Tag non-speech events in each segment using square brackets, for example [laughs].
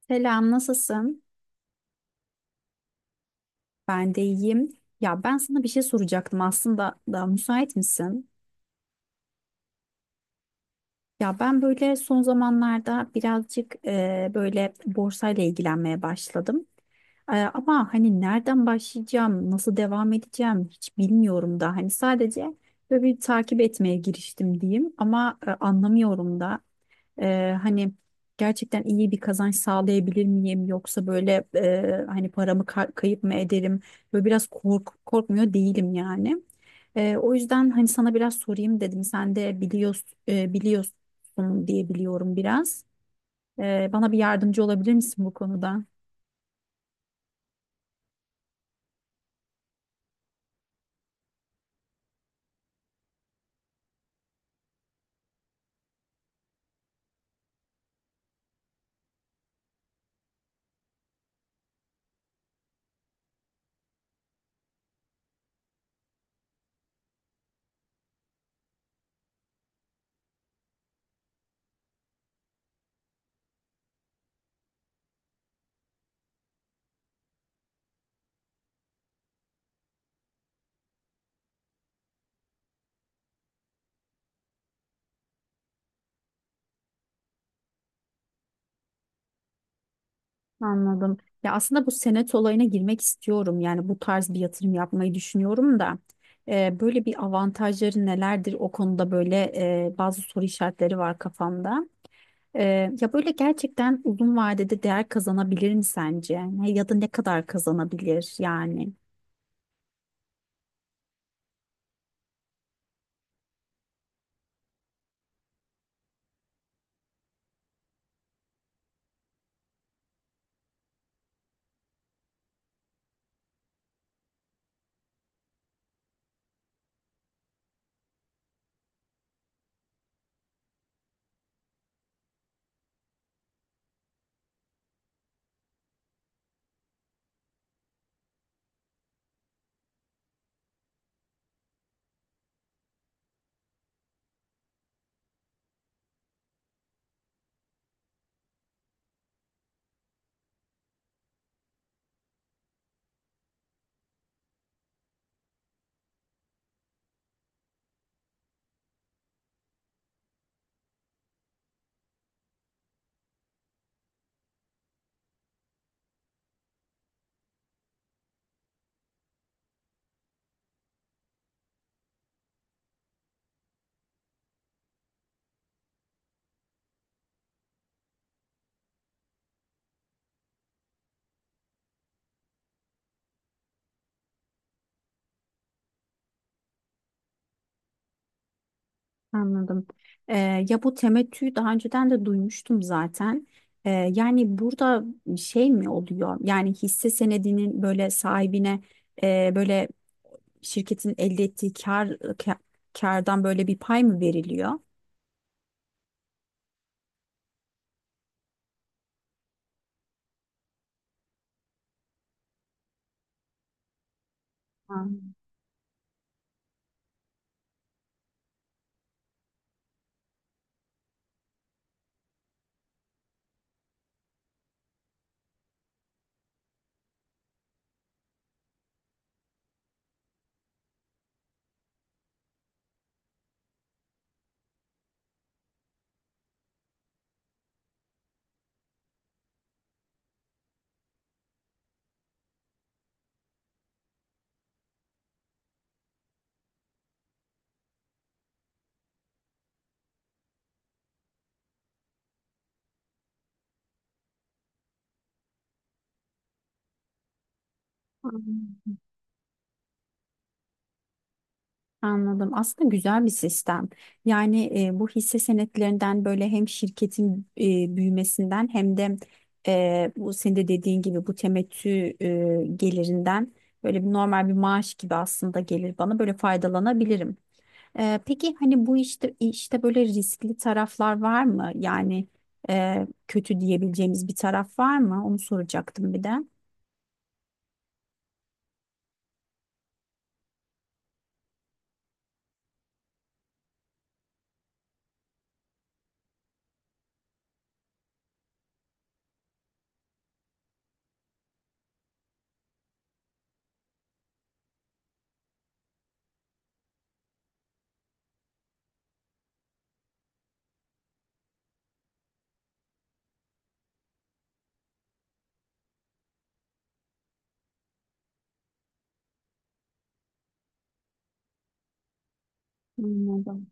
Selam, nasılsın? Ben de iyiyim. Ya ben sana bir şey soracaktım aslında da müsait misin? Ya ben böyle son zamanlarda birazcık böyle borsayla ilgilenmeye başladım. Ama hani nereden başlayacağım, nasıl devam edeceğim hiç bilmiyorum da. Hani sadece böyle bir takip etmeye giriştim diyeyim ama anlamıyorum da. Hani gerçekten iyi bir kazanç sağlayabilir miyim yoksa böyle hani paramı kayıp mı ederim? Böyle biraz korkmuyor değilim yani. O yüzden hani sana biraz sorayım dedim. Sen de biliyorsun diye biliyorum biraz. Bana bir yardımcı olabilir misin bu konuda? Anladım. Ya aslında bu senet olayına girmek istiyorum. Yani bu tarz bir yatırım yapmayı düşünüyorum da. Böyle bir avantajları nelerdir? O konuda böyle bazı soru işaretleri var kafamda. Ya böyle gerçekten uzun vadede değer kazanabilir mi sence? Ya da ne kadar kazanabilir yani? Anladım. Ee, Ya bu temettüyü daha önceden de duymuştum zaten. Ee, Yani burada şey mi oluyor? Yani hisse senedinin böyle sahibine böyle şirketin elde ettiği kardan böyle bir pay mı veriliyor? Ha. Anladım. Anladım. Aslında güzel bir sistem. Yani bu hisse senetlerinden böyle hem şirketin büyümesinden hem de bu senin de dediğin gibi bu temettü gelirinden böyle bir normal bir maaş gibi aslında gelir bana böyle faydalanabilirim. E, peki hani bu işte böyle riskli taraflar var mı? Yani kötü diyebileceğimiz bir taraf var mı? Onu soracaktım bir de. Anladım.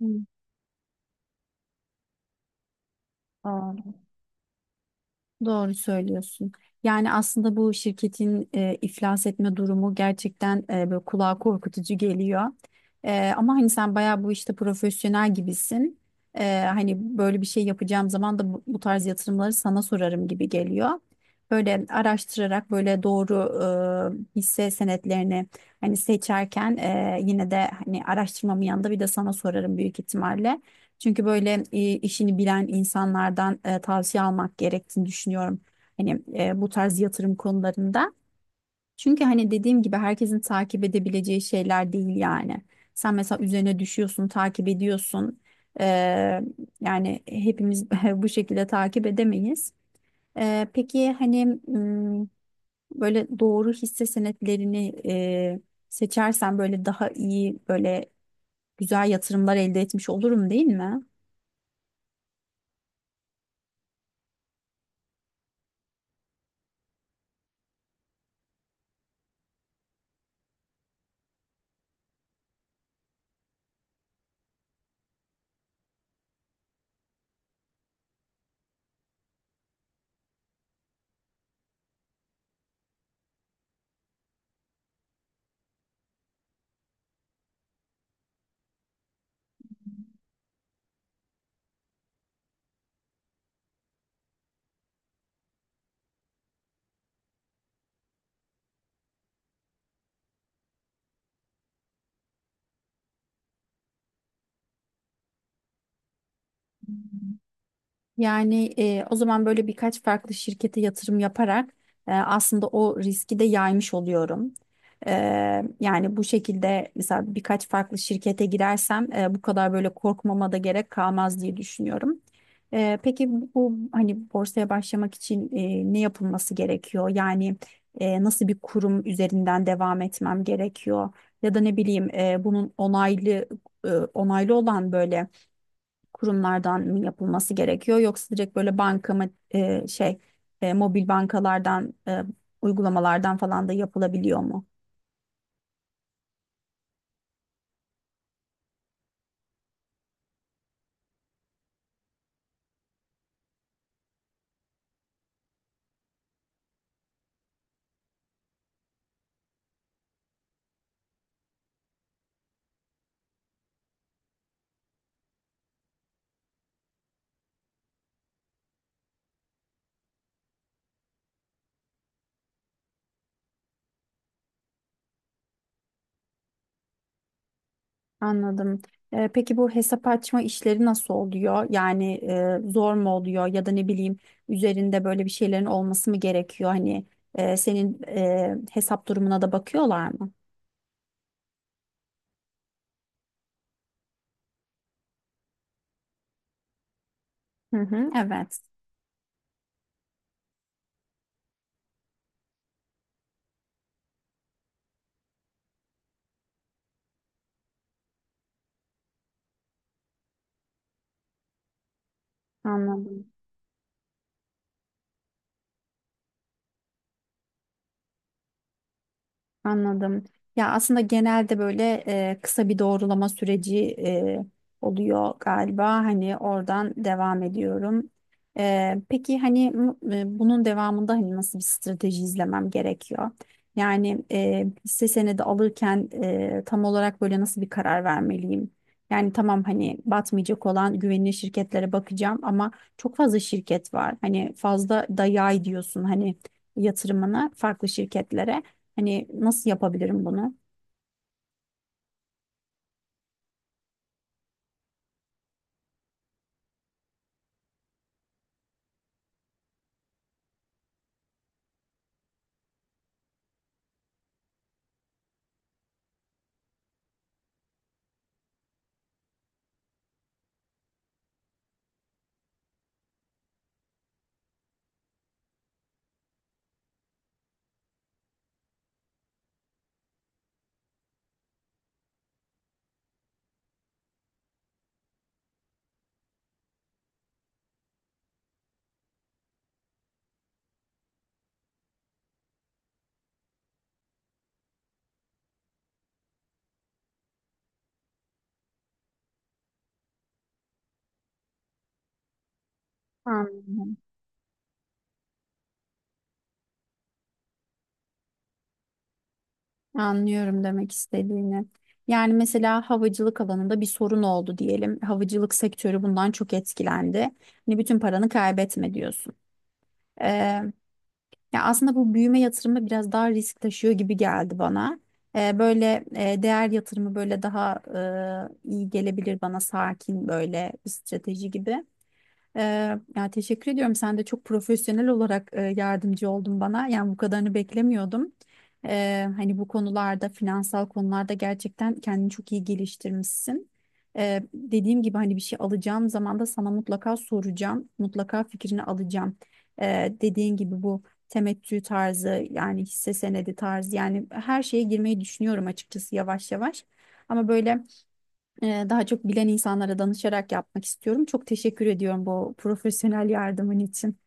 Hı. Doğru. Doğru söylüyorsun. Yani aslında bu şirketin iflas etme durumu gerçekten böyle kulağa korkutucu geliyor. E, ama hani sen bayağı bu işte profesyonel gibisin. E, hani böyle bir şey yapacağım zaman da bu tarz yatırımları sana sorarım gibi geliyor. Böyle araştırarak böyle doğru hisse senetlerini hani seçerken yine de hani araştırmamın yanında bir de sana sorarım büyük ihtimalle. Çünkü böyle işini bilen insanlardan tavsiye almak gerektiğini düşünüyorum. Hani bu tarz yatırım konularında. Çünkü hani dediğim gibi herkesin takip edebileceği şeyler değil yani. Sen mesela üzerine düşüyorsun, takip ediyorsun. E, yani hepimiz [laughs] bu şekilde takip edemeyiz. E, peki hani böyle doğru hisse senetlerini seçersen böyle daha iyi böyle güzel yatırımlar elde etmiş olurum değil mi? Yani o zaman böyle birkaç farklı şirkete yatırım yaparak aslında o riski de yaymış oluyorum. E, yani bu şekilde mesela birkaç farklı şirkete girersem bu kadar böyle korkmama da gerek kalmaz diye düşünüyorum. E, peki bu hani borsaya başlamak için ne yapılması gerekiyor? Yani nasıl bir kurum üzerinden devam etmem gerekiyor? Ya da ne bileyim bunun e, onaylı olan böyle kurumlardan mı yapılması gerekiyor yoksa direkt böyle banka mı mobil bankalardan uygulamalardan falan da yapılabiliyor mu? Anladım. Peki bu hesap açma işleri nasıl oluyor? Yani zor mu oluyor ya da ne bileyim üzerinde böyle bir şeylerin olması mı gerekiyor? Hani senin hesap durumuna da bakıyorlar mı? Hı hı, evet. Anladım. Anladım. Ya aslında genelde böyle kısa bir doğrulama süreci oluyor galiba. Hani oradan devam ediyorum. E, peki hani bunun devamında hani nasıl bir strateji izlemem gerekiyor? Yani hisse senedi alırken tam olarak böyle nasıl bir karar vermeliyim? Yani tamam hani batmayacak olan güvenilir şirketlere bakacağım ama çok fazla şirket var. Hani fazla da yay diyorsun hani yatırımını farklı şirketlere. Hani nasıl yapabilirim bunu? Anladım. Anlıyorum demek istediğini. Yani mesela havacılık alanında bir sorun oldu diyelim. Havacılık sektörü bundan çok etkilendi. Hani bütün paranı kaybetme diyorsun. Ee, Ya aslında bu büyüme yatırımı biraz daha risk taşıyor gibi geldi bana. Böyle değer yatırımı böyle daha iyi gelebilir bana sakin böyle bir strateji gibi. Ya teşekkür ediyorum. Sen de çok profesyonel olarak yardımcı oldun bana. Yani bu kadarını beklemiyordum. Hani bu konularda, finansal konularda gerçekten kendini çok iyi geliştirmişsin. Dediğim gibi hani bir şey alacağım zaman da sana mutlaka soracağım. Mutlaka fikrini alacağım. Dediğin gibi bu temettü tarzı yani hisse senedi tarzı yani her şeye girmeyi düşünüyorum açıkçası yavaş yavaş. Ama böyle daha çok bilen insanlara danışarak yapmak istiyorum. Çok teşekkür ediyorum bu profesyonel yardımın için.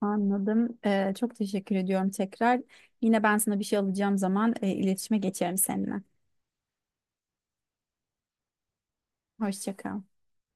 Anladım. Çok teşekkür ediyorum tekrar. Yine ben sana bir şey alacağım zaman iletişime geçerim seninle. Hoşça kal.